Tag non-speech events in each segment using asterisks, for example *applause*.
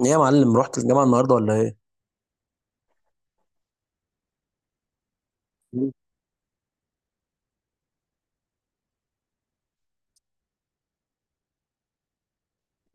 ايه يا معلم، رحت الجامعة النهاردة ولا ايه؟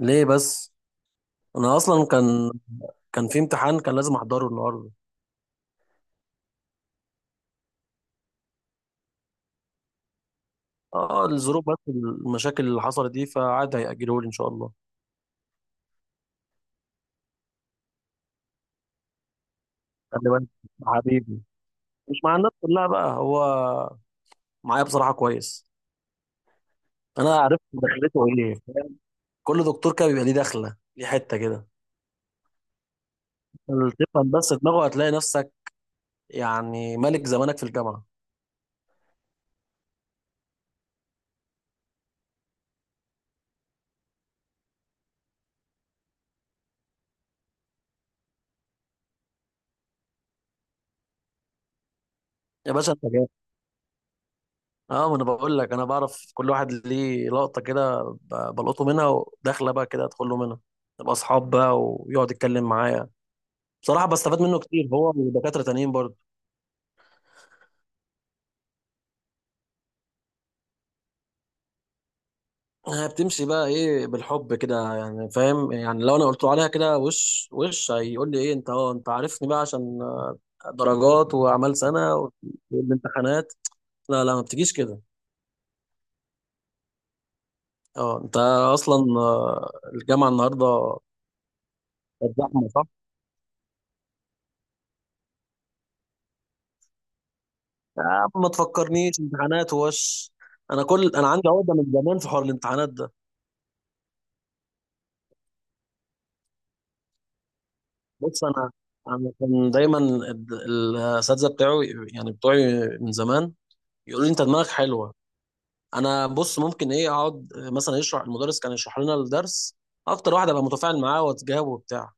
ليه بس؟ انا اصلا كان في امتحان كان لازم احضره النهاردة. اه الظروف، بس المشاكل اللي حصلت دي فعاد هيأجله لي ان شاء الله. خلي بالك حبيبي، مش مع الناس كلها بقى هو، معايا بصراحة كويس. انا عرفت دخلته، ايه فاهم؟ كل دكتور كده بيبقى ليه دخلة، ليه حتة كده تفهم بس دماغه، هتلاقي نفسك يعني ملك زمانك في الجامعة. يا باشا انت، اه ما انا بقول لك، انا بعرف كل واحد ليه لقطه كده، بلقطه منها وداخله بقى كده ادخل له منها، نبقى اصحاب بقى ويقعد يتكلم معايا. بصراحه بستفاد منه كتير، هو ودكاتره تانيين برضه. بتمشي بقى ايه، بالحب كده يعني فاهم؟ يعني لو انا قلت له عليها كده وش وش، هيقول لي ايه؟ انت عارفني بقى، عشان درجات واعمال سنه والامتحانات. لا لا، ما بتجيش كده. اه انت اصلا، الجامعه النهارده كانت زحمه صح. يا عم ما تفكرنيش امتحانات ووش، انا عندي عقده من زمان في حوار الامتحانات ده. بص انا كان دايما الاساتذه بتاعه، يعني بتوعي من زمان، يقولوا لي انت دماغك حلوه. انا بص، ممكن ايه اقعد مثلا، يشرح المدرس، كان يشرح لنا الدرس، اكتر واحد ابقى متفاعل معاه واتجاوب وبتاع.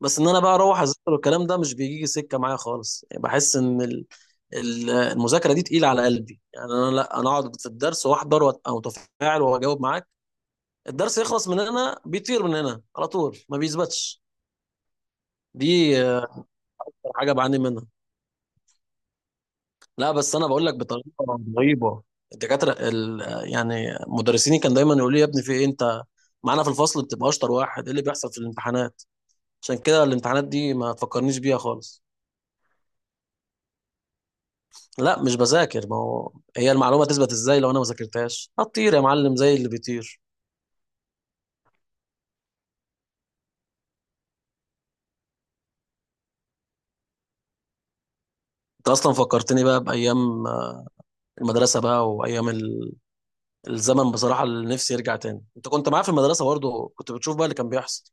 بس ان انا بقى اروح اذاكر، والكلام ده مش بيجي سكه معايا خالص. يعني بحس ان المذاكره دي تقيله على قلبي، يعني انا، لا انا اقعد في الدرس واحضر وابقى متفاعل واجاوب معاه، الدرس يخلص من هنا بيطير من هنا على طول، ما بيثبتش. دي أكتر حاجه بعاني منها. لا بس انا بقول لك بطريقه رهيبه، الدكاتره ال- آه، يعني مدرسيني كان دايما يقول لي يا ابني، في ايه انت؟ معانا في الفصل بتبقى اشطر واحد، ايه اللي بيحصل في الامتحانات؟ عشان كده الامتحانات دي ما تفكرنيش بيها خالص. لا مش بذاكر، ما هو هي المعلومه تثبت ازاي لو انا ما ذاكرتهاش؟ هتطير يا معلم زي اللي بيطير. انت اصلا فكرتني بقى بايام المدرسه بقى، وايام الزمن بصراحة، اللي نفسي يرجع تاني. انت كنت معاه في المدرسة برضه، كنت بتشوف بقى اللي كان بيحصل.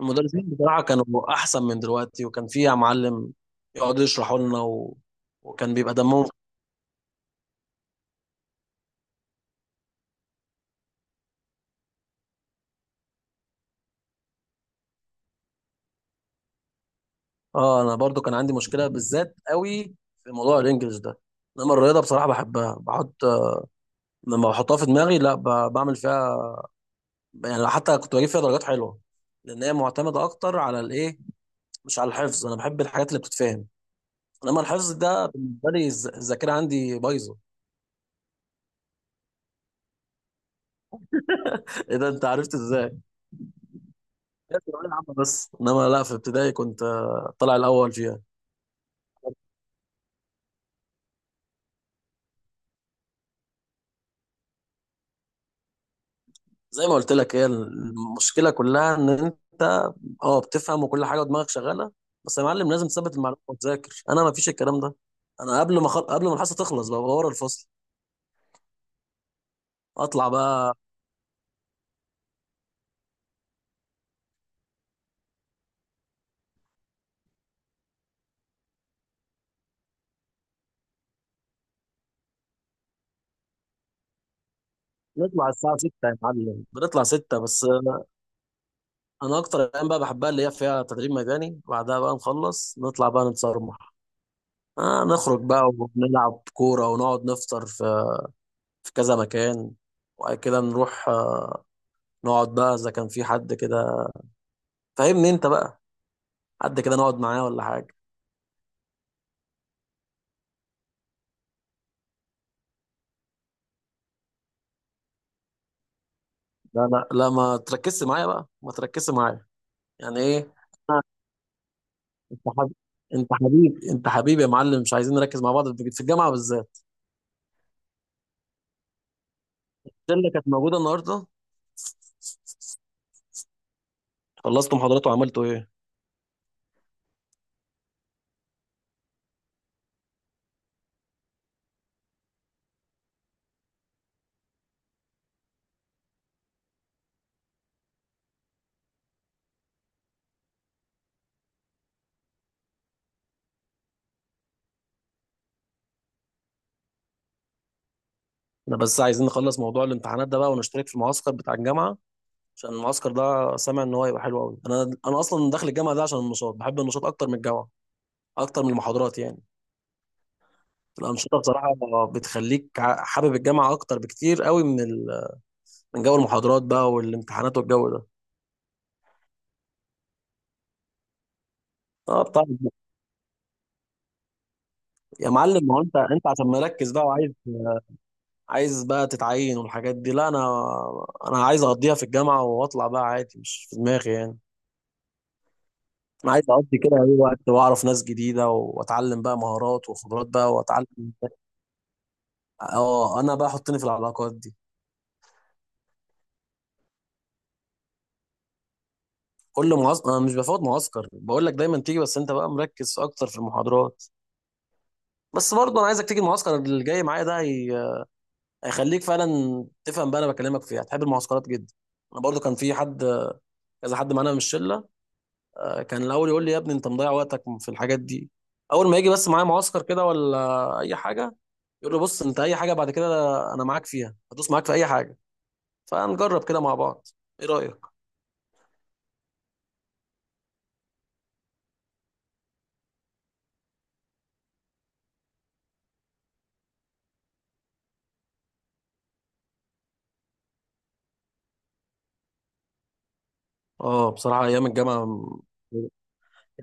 المدرسين بصراحة كانوا احسن من دلوقتي، وكان في معلم يقعد يشرحوا لنا وكان بيبقى دمهم. اه انا برضه كان عندي مشكلة بالذات قوي في موضوع الانجليش ده. انما الرياضة بصراحة بحبها، لما بحطها في دماغي، لا بعمل فيها يعني، حتى كنت بجيب فيها درجات حلوة، لان هي معتمدة اكتر على الايه، مش على الحفظ. انا بحب الحاجات اللي بتتفهم، انما الحفظ ده بالنسبة لي، الذاكرة عندي بايظة. *laughs* ايه ده، انت عرفت ازاي؟ هي ثانوية عامة بس، انما لا في ابتدائي كنت طالع الاول فيها. زي ما قلت لك، هي المشكله كلها ان انت اه بتفهم وكل حاجه ودماغك شغاله، بس يا معلم لازم تثبت المعلومه وتذاكر، انا ما فيش الكلام ده. انا قبل ما الحصه تخلص بقى، ورا الفصل اطلع بقى. نطلع الساعه 6 يا معلم، بنطلع 6 بس. انا اكتر الايام بقى بحبها، اللي هي فيها تدريب ميداني، بعدها بقى نخلص نطلع بقى نتصرمح. نخرج بقى ونلعب كوره، ونقعد نفطر في كذا مكان، وبعد كده نروح نقعد بقى، إذا كان في حد كده فاهمني أنت بقى، حد كده نقعد معاه ولا حاجة. لا لا لا، ما تركزش معايا بقى، ما تركزش معايا. يعني إيه؟ أنا- أنت حبيبي، أنت حبيبي، أنت حبيبي يا معلم، مش عايزين نركز مع بعض في الجامعة بالذات. الشلة كانت موجودة النهاردة، خلصتوا محاضرات وعملتوا ايه؟ انا بس عايزين نخلص موضوع الامتحانات ده بقى، ونشترك في المعسكر بتاع الجامعه، عشان المعسكر ده سامع ان هو هيبقى حلو قوي. انا اصلا داخل الجامعه ده عشان النشاط، بحب النشاط اكتر من الجامعه، اكتر من المحاضرات يعني. الأنشطة بصراحة بتخليك حابب الجامعة أكتر بكتير قوي، من جو المحاضرات بقى، والامتحانات والجو ده. اه طبعا. *laughs* يا معلم، ما هو انت عشان مركز بقى، وعايز بقى تتعين والحاجات دي. لا انا عايز اقضيها في الجامعة واطلع بقى عادي، مش في دماغي يعني. انا عايز اقضي كده اي وقت، واعرف ناس جديدة، واتعلم بقى مهارات وخبرات بقى، واتعلم. اه انا بقى حطني في العلاقات دي. كل معسكر انا مش بفوت معسكر، بقول لك دايما تيجي، بس انت بقى مركز اكتر في المحاضرات، بس برضه انا عايزك تيجي المعسكر اللي جاي معايا ده، هيخليك فعلا تفهم بقى، انا بكلمك فيها هتحب المعسكرات جدا. انا برضه كان في حد، كذا حد معانا من الشله، كان الاول يقول لي يا ابني انت مضيع وقتك في الحاجات دي، اول ما يجي بس معايا معسكر كده ولا اي حاجه، يقول لي بص انت اي حاجه بعد كده، انا معاك فيها، هدوس معاك في اي حاجه. فنجرب كده مع بعض، ايه رايك؟ اه بصراحه ايام الجامعه،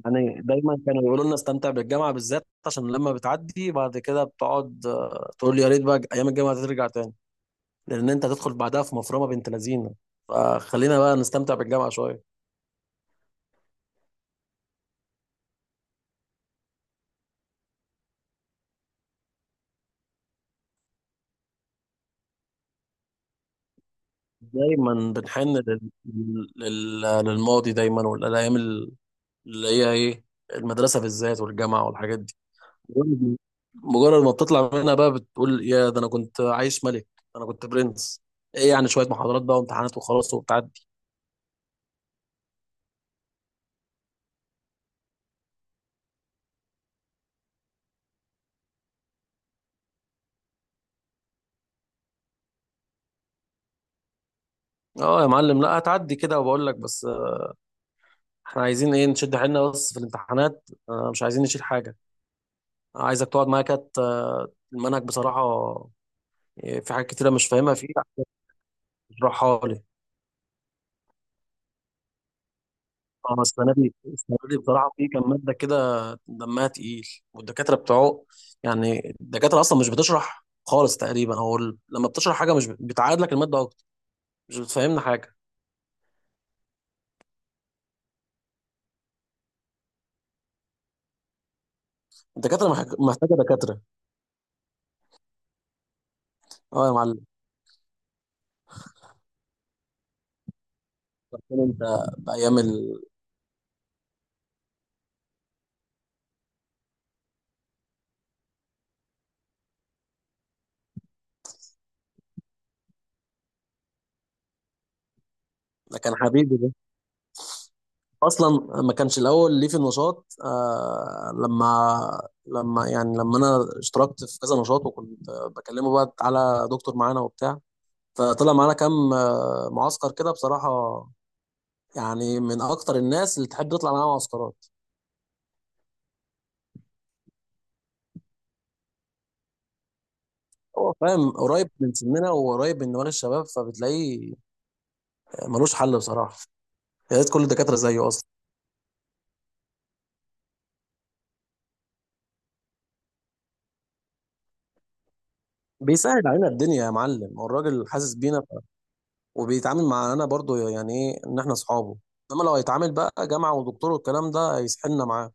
يعني دايما كانوا يقولوا لنا استمتع بالجامعة بالذات، عشان لما بتعدي بعد كده بتقعد تقول يا ريت بقى أيام الجامعة ترجع تاني، لأن أنت هتدخل بعدها في مفرمة بنت لذينة، فخلينا بقى نستمتع بالجامعة شوية. دايما بنحن للماضي دايما، والأيام اللي هي إيه، المدرسة بالذات، والجامعة والحاجات دي، مجرد مجرد ما بتطلع منها بقى بتقول يا ده، أنا كنت عايش ملك، أنا كنت برنس، إيه يعني شوية محاضرات بقى وامتحانات وخلاص وبتاع. اه يا معلم، لا هتعدي كده. وبقول لك بس، احنا عايزين ايه نشد حيلنا بس في الامتحانات، مش عايزين نشيل حاجه. عايزك تقعد معايا كده، المنهج بصراحه، في حاجات كتيره مش فاهمها فيه، عايزك تشرحها لي. اه السنه دي بصراحه في كام ماده كده دمها تقيل، والدكاتره بتوعه، يعني الدكاتره اصلا مش بتشرح خالص تقريبا، لما بتشرح حاجه، مش بتعاد لك الماده اكتر، مش بتفهمنا حاجه. الدكاتره محتاجه دكاتره. اه يا معلم، كان انت بايام ده كان حبيبي ده اصلا، ما كانش الاول ليه في النشاط، لما يعني لما انا اشتركت في كذا نشاط، وكنت بكلمه بقى على دكتور معانا وبتاع، فطلع معانا كام معسكر كده بصراحه. يعني من اكتر الناس اللي تحب تطلع معاها معسكرات، هو فاهم، قريب من سننا وقريب من دماغ الشباب، فبتلاقيه ملوش حل بصراحه. يا ريت كل الدكاتره زيه اصلا، بيسهل علينا الدنيا يا معلم، والراجل حاسس بينا، وبيتعامل معانا برضو يعني، ايه ان احنا اصحابه. انما لو هيتعامل بقى جامعه ودكتور والكلام ده، هيسحلنا معاه.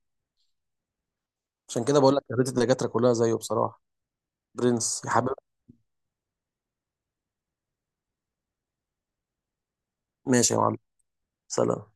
عشان كده بقول لك، يا ريت الدكاتره كلها زيه بصراحه. برنس يا حبيبي، ماشي يا معلم، سلام.